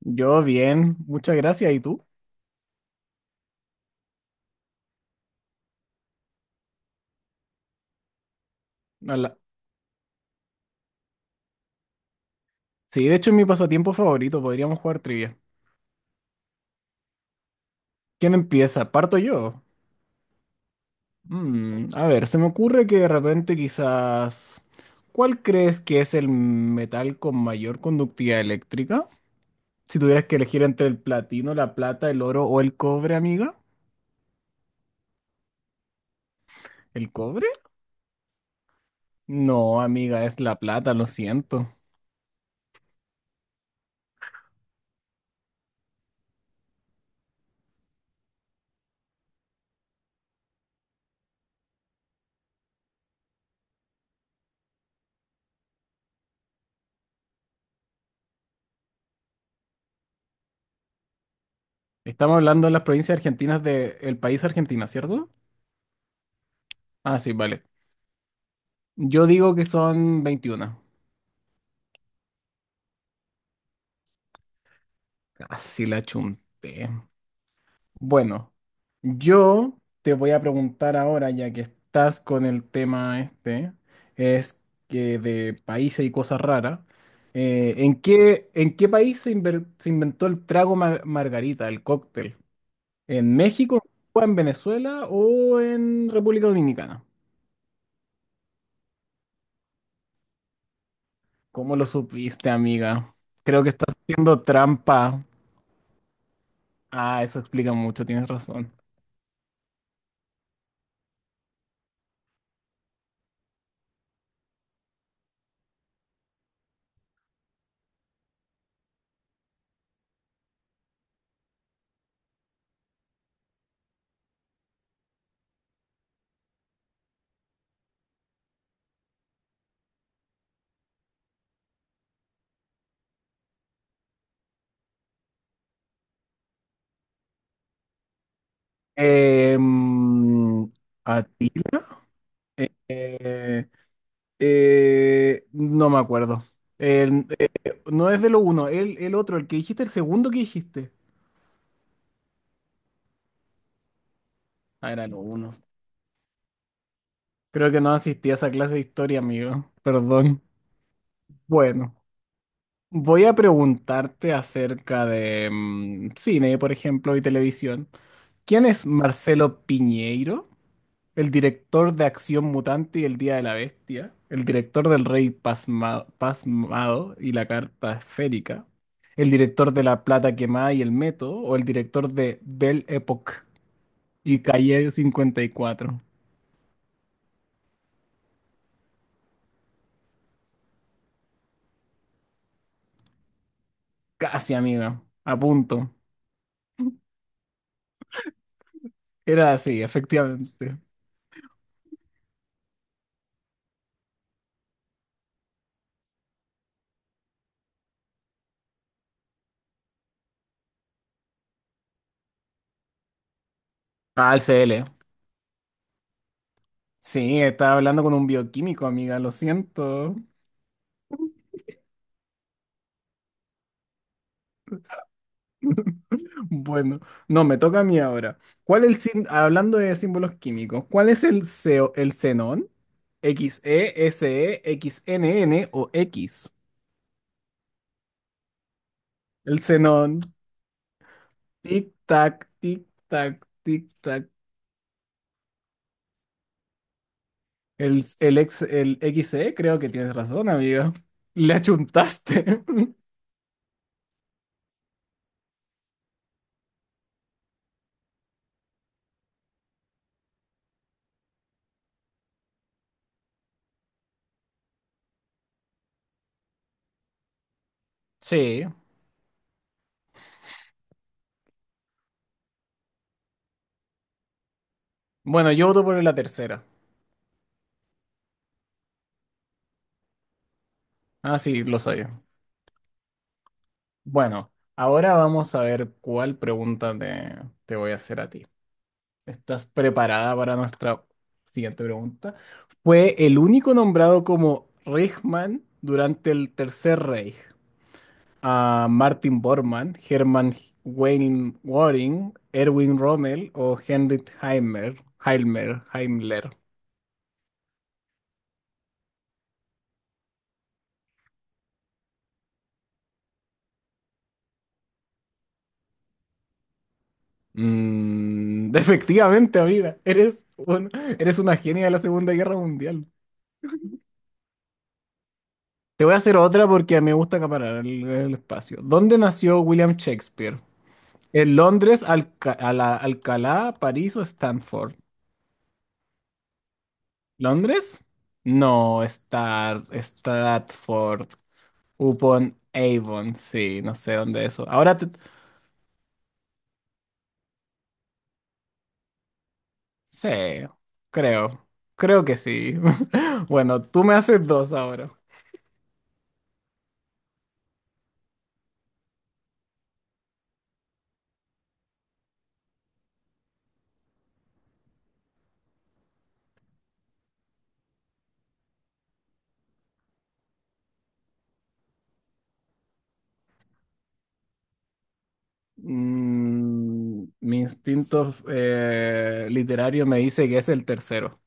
Yo bien, muchas gracias. ¿Y tú? Ala- Sí, de hecho es mi pasatiempo favorito, podríamos jugar trivia. ¿Quién empieza? ¿Parto yo? A ver, se me ocurre que de repente quizás... ¿Cuál crees que es el metal con mayor conductividad eléctrica? Si tuvieras que elegir entre el platino, la plata, el oro o el cobre, amiga. ¿El cobre? No, amiga, es la plata, lo siento. Estamos hablando de las provincias argentinas del país Argentina, ¿cierto? Ah, sí, vale. Yo digo que son 21. Así la chunté. Bueno, yo te voy a preguntar ahora, ya que estás con el tema este, es que de países y cosas raras. ¿En qué país se, se inventó el trago margarita, el cóctel? ¿En México, o en Venezuela o en República Dominicana? ¿Cómo lo supiste, amiga? Creo que estás haciendo trampa. Ah, eso explica mucho, tienes razón. Em, a Eh, eh, no me acuerdo. El- eh, no es de lo uno, el otro, el que dijiste, el segundo que dijiste. Ah, era lo uno. Creo que no asistí a esa clase de historia, amigo. Perdón. Bueno, voy a preguntarte acerca de cine, por ejemplo, y televisión. ¿Quién es Marcelo Piñeiro? El director de Acción Mutante y El Día de la Bestia. El director del Rey Pasmado y la Carta Esférica. El director de La Plata Quemada y El Método. O el director de Belle Époque y Calle 54. Casi, amiga. A punto. Era así, efectivamente. Ah, el CL. Sí, estaba hablando con un bioquímico, amiga. Lo siento. Bueno, no, me toca a mí ahora. ¿Cuál el hablando de símbolos químicos, cuál es el Seo, el xenón? ¿X E S E, X N N o X? El xenón, tic tac, tic tac, tic tac. El XE, creo que tienes razón, amigo. Le achuntaste. Sí. Bueno, yo voto por la tercera. Ah, sí, lo sabía. Bueno, ahora vamos a ver cuál pregunta te voy a hacer a ti. ¿Estás preparada para nuestra siguiente pregunta? Fue el único nombrado como Reichsmann durante el Tercer Reich. A Martin Bormann, Hermann Weyl Göring, Erwin Rommel o Heinrich Himmler. Himmler, Himmler. Efectivamente, amiga, eres una genia de la Segunda Guerra Mundial. Te voy a hacer otra porque me gusta acaparar el espacio. ¿Dónde nació William Shakespeare? ¿En Londres, Alcalá, París o Stanford? ¿Londres? No, Stratford, upon Avon, sí, no sé dónde es eso. Ahora te... Sí, creo, creo que sí. Bueno, tú me haces dos ahora. Mi instinto literario me dice que es el tercero.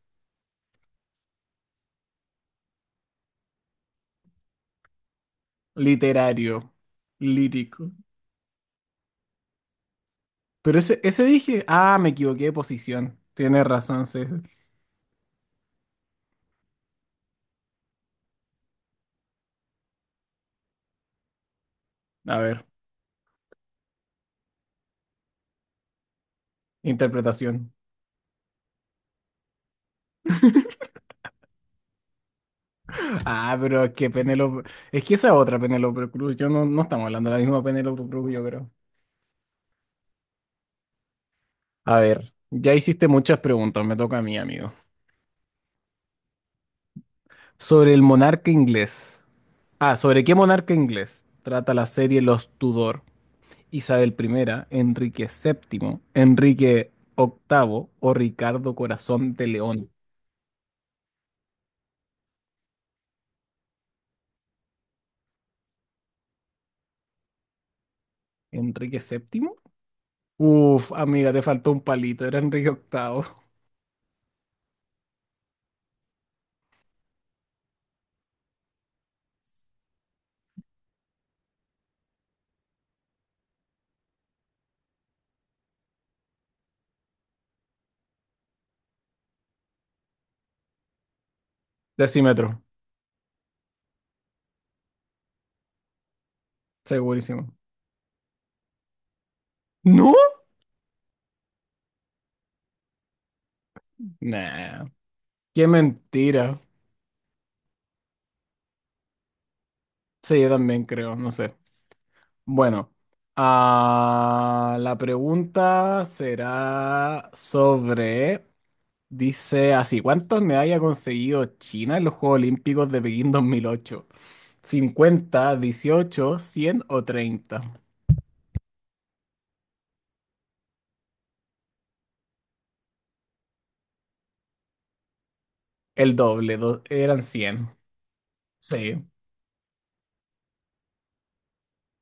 Literario, lírico. Pero ese dije, ah, me equivoqué de posición. Tienes razón, sí. Sí. A ver. Interpretación. Ah, pero es que Penélope. Es que esa otra Penélope Cruz. Yo no estamos hablando de la misma Penélope Cruz, yo creo. A ver, ya hiciste muchas preguntas, me toca a mí, amigo. Sobre el monarca inglés. Ah, ¿sobre qué monarca inglés trata la serie Los Tudor? Isabel primera, Enrique VII, Enrique VIII o Ricardo Corazón de León. ¿Enrique VII? Uf, amiga, te faltó un palito, era Enrique VIII. Decímetro, segurísimo. ¿No? Nah. Qué mentira. Sí, yo también creo, no sé. Bueno, ah, la pregunta será sobre, dice así, ¿cuántas medallas ha conseguido China en los Juegos Olímpicos de Pekín 2008? 50, 18, 100 o 30. El doble, eran 100. Sí,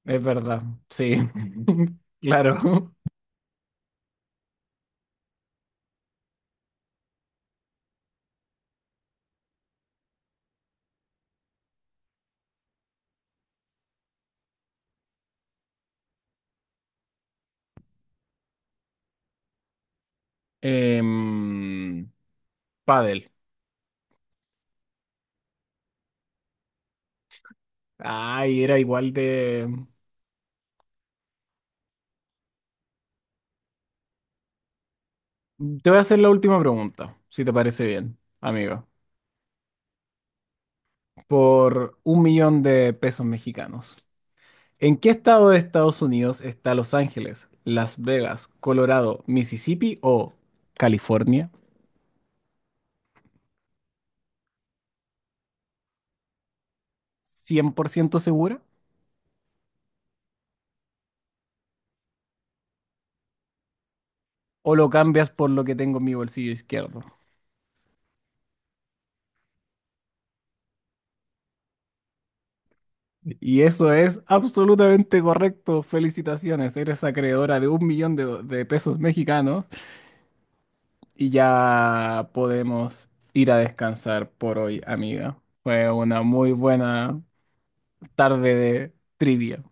es verdad, sí. Claro. Padel. Ay, era igual de... Te voy a hacer la última pregunta, si te parece bien, amigo. Por un millón de pesos mexicanos. ¿En qué estado de Estados Unidos está Los Ángeles, Las Vegas, Colorado, Mississippi o California? ¿100% segura? ¿O lo cambias por lo que tengo en mi bolsillo izquierdo? Y eso es absolutamente correcto. Felicitaciones, eres acreedora de un millón de, de pesos mexicanos. Y ya podemos ir a descansar por hoy, amiga. Fue una muy buena tarde de trivia.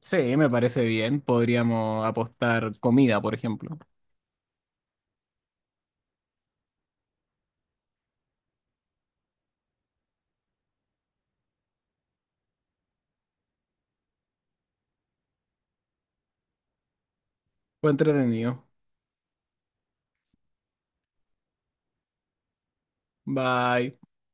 Sí, me parece bien. Podríamos apostar comida, por ejemplo. Fue entretenido. Bye.